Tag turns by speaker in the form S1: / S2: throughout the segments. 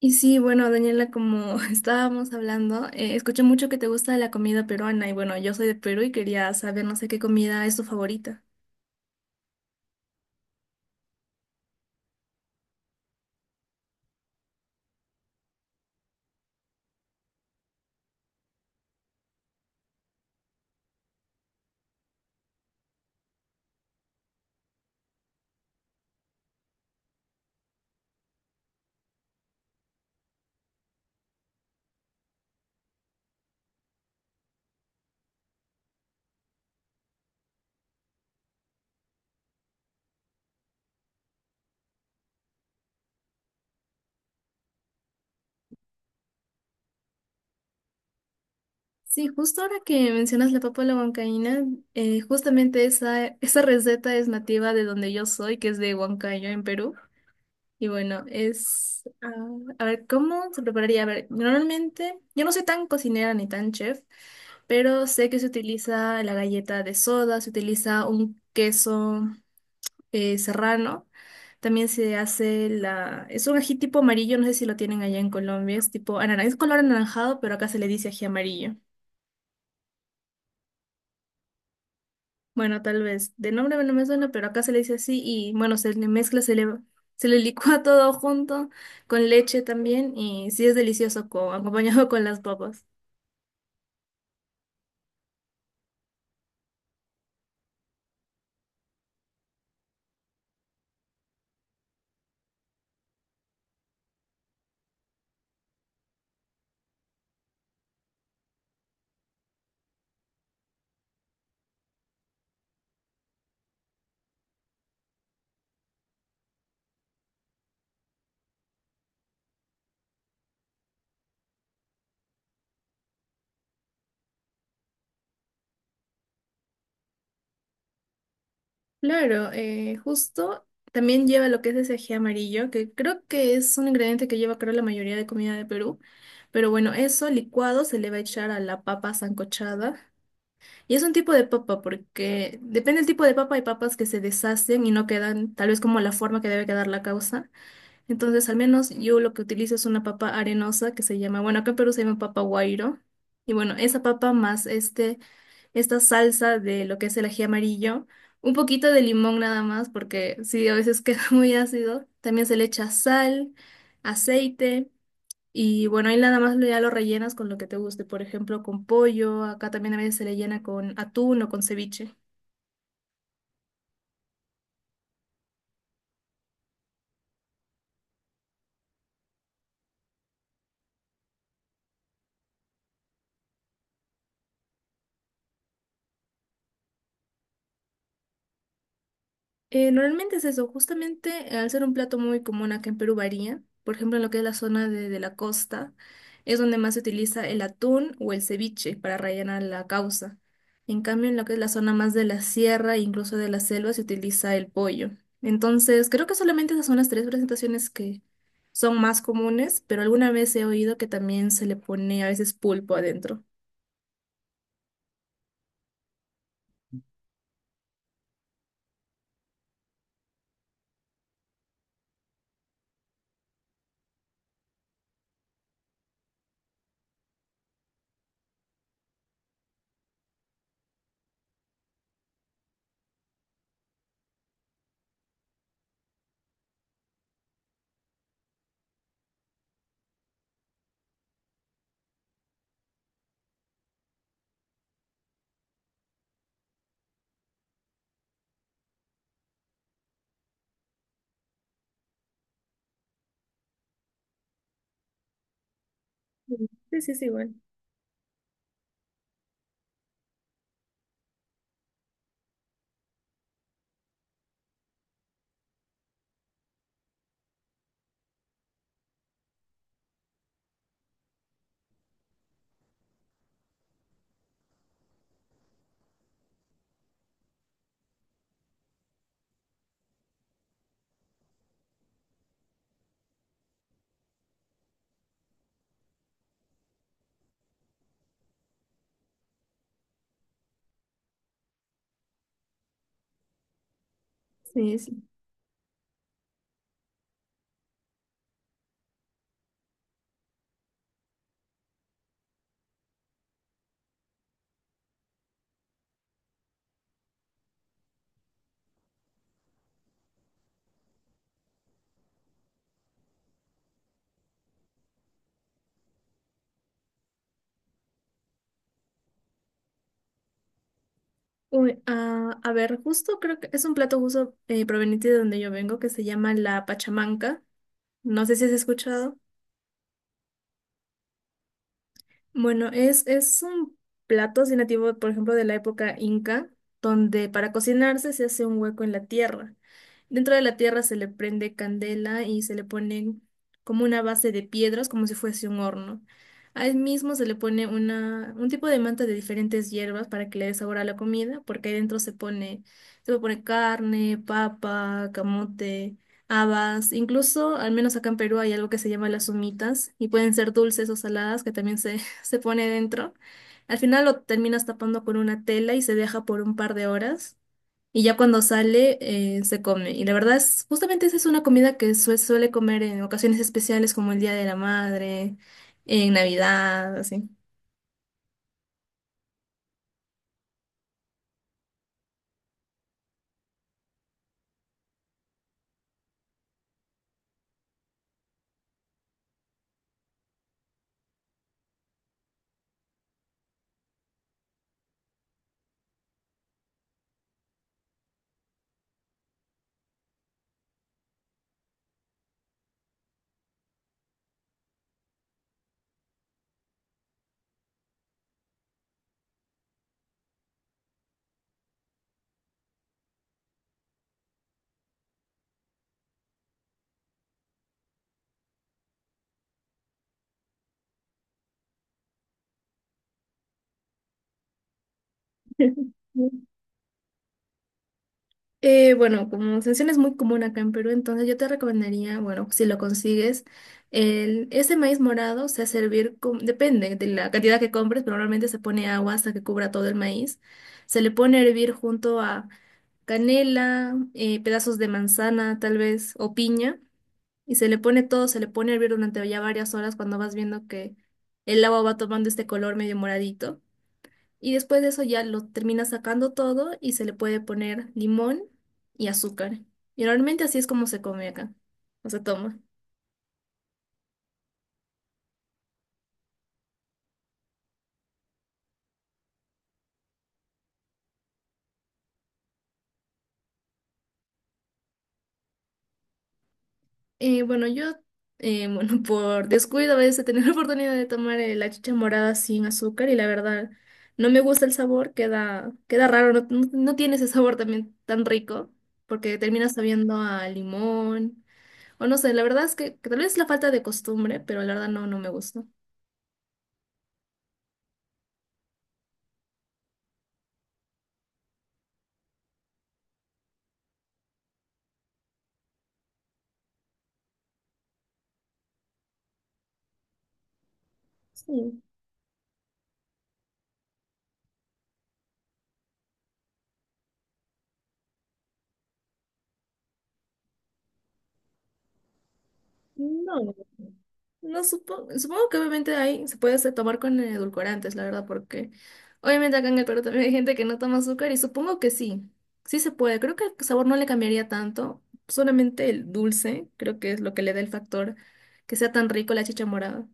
S1: Y sí, bueno, Daniela, como estábamos hablando, escuché mucho que te gusta la comida peruana y bueno, yo soy de Perú y quería saber, no sé qué comida es tu favorita. Sí, justo ahora que mencionas la papa a la huancaína, justamente esa receta es nativa de donde yo soy, que es de Huancayo, en Perú. Y bueno, a ver, ¿cómo se prepararía? A ver, normalmente, yo no soy tan cocinera ni tan chef, pero sé que se utiliza la galleta de soda, se utiliza un queso. Serrano. También se hace Es un ají tipo amarillo, no sé si lo tienen allá en Colombia. Es tipo es color anaranjado, pero acá se le dice ají amarillo. Bueno, tal vez de nombre no me suena, pero acá se le dice así y bueno, se le mezcla, se le licúa todo junto con leche también y sí es delicioso acompañado con las papas. Claro, justo también lleva lo que es ese ají amarillo, que creo que es un ingrediente que lleva creo la mayoría de comida de Perú. Pero bueno, eso licuado se le va a echar a la papa sancochada. Y es un tipo de papa porque depende del tipo de papa, hay papas que se deshacen y no quedan tal vez como la forma que debe quedar la causa. Entonces, al menos yo lo que utilizo es una papa arenosa que se llama, bueno, acá en Perú se llama papa guairo. Y bueno, esa papa más esta salsa de lo que es el ají amarillo, un poquito de limón nada más, porque sí, a veces queda muy ácido. También se le echa sal, aceite y bueno, ahí nada más ya lo rellenas con lo que te guste, por ejemplo, con pollo, acá también a veces se le llena con atún o con ceviche. Normalmente es eso, justamente al ser un plato muy común acá en Perú varía, por ejemplo en lo que es la zona de la costa, es donde más se utiliza el atún o el ceviche para rellenar la causa. En cambio en lo que es la zona más de la sierra e incluso de la selva se utiliza el pollo. Entonces creo que solamente esas son las tres presentaciones que son más comunes, pero alguna vez he oído que también se le pone a veces pulpo adentro. Sí, sí, sí, bueno. Sí, sí. Uy, ah, a ver, justo creo que es un plato justo proveniente de donde yo vengo que se llama la pachamanca. No sé si has escuchado. Bueno, es un plato así nativo, por ejemplo, de la época inca, donde para cocinarse se hace un hueco en la tierra. Dentro de la tierra se le prende candela y se le pone como una base de piedras, como si fuese un horno. Ahí mismo se le pone un tipo de manta de diferentes hierbas para que le dé sabor a la comida, porque ahí dentro se puede poner carne, papa, camote. Habas, incluso, al menos acá en Perú hay algo que se llama las humitas y pueden ser dulces o saladas que también se se pone dentro. Al final lo terminas tapando con una tela y se deja por un par de horas. Y ya cuando sale, se come. Y la verdad es, justamente esa es una comida que se suele comer en ocasiones especiales como el Día de la Madre, en Navidad, así. Bueno, como sensión es muy común acá en Perú, entonces yo te recomendaría, bueno, si lo consigues, ese maíz morado se hace hervir, depende de la cantidad que compres, pero normalmente se pone agua hasta que cubra todo el maíz. Se le pone a hervir junto a canela, pedazos de manzana tal vez, o piña, y se le pone todo, se le pone a hervir durante ya varias horas cuando vas viendo que el agua va tomando este color medio moradito. Y después de eso ya lo termina sacando todo y se le puede poner limón y azúcar. Y normalmente así es como se come acá, o se toma. Bueno, bueno, por descuido a veces he tenido la oportunidad de tomar la chicha morada sin azúcar y la verdad no me gusta el sabor, queda raro, no tiene ese sabor también tan rico porque termina sabiendo a limón o no sé, la verdad que tal vez es la falta de costumbre, pero la verdad no, no me gusta. Sí. No, no supongo, supongo que obviamente ahí se puede tomar con edulcorantes, la verdad, porque obviamente acá en el Perú también hay gente que no toma azúcar y supongo que sí, sí se puede. Creo que el sabor no le cambiaría tanto, solamente el dulce, creo que es lo que le da el factor que sea tan rico la chicha morada.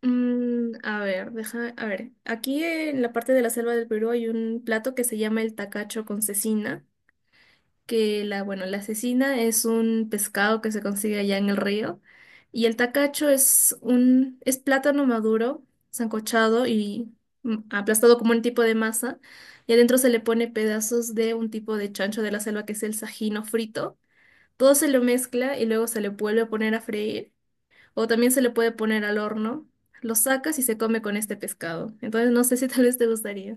S1: Mm, a ver, deja, a ver, aquí en la parte de la selva del Perú hay un plato que se llama el tacacho con cecina. Bueno, la cecina es un pescado que se consigue allá en el río y el tacacho es plátano maduro, sancochado y aplastado como un tipo de masa y adentro se le pone pedazos de un tipo de chancho de la selva que es el sajino frito. Todo se lo mezcla y luego se le vuelve a poner a freír o también se le puede poner al horno. Lo sacas y se come con este pescado. Entonces no sé si tal vez te gustaría.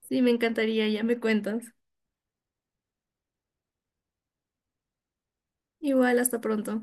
S1: Sí, me encantaría, ya me cuentas. Igual, hasta pronto.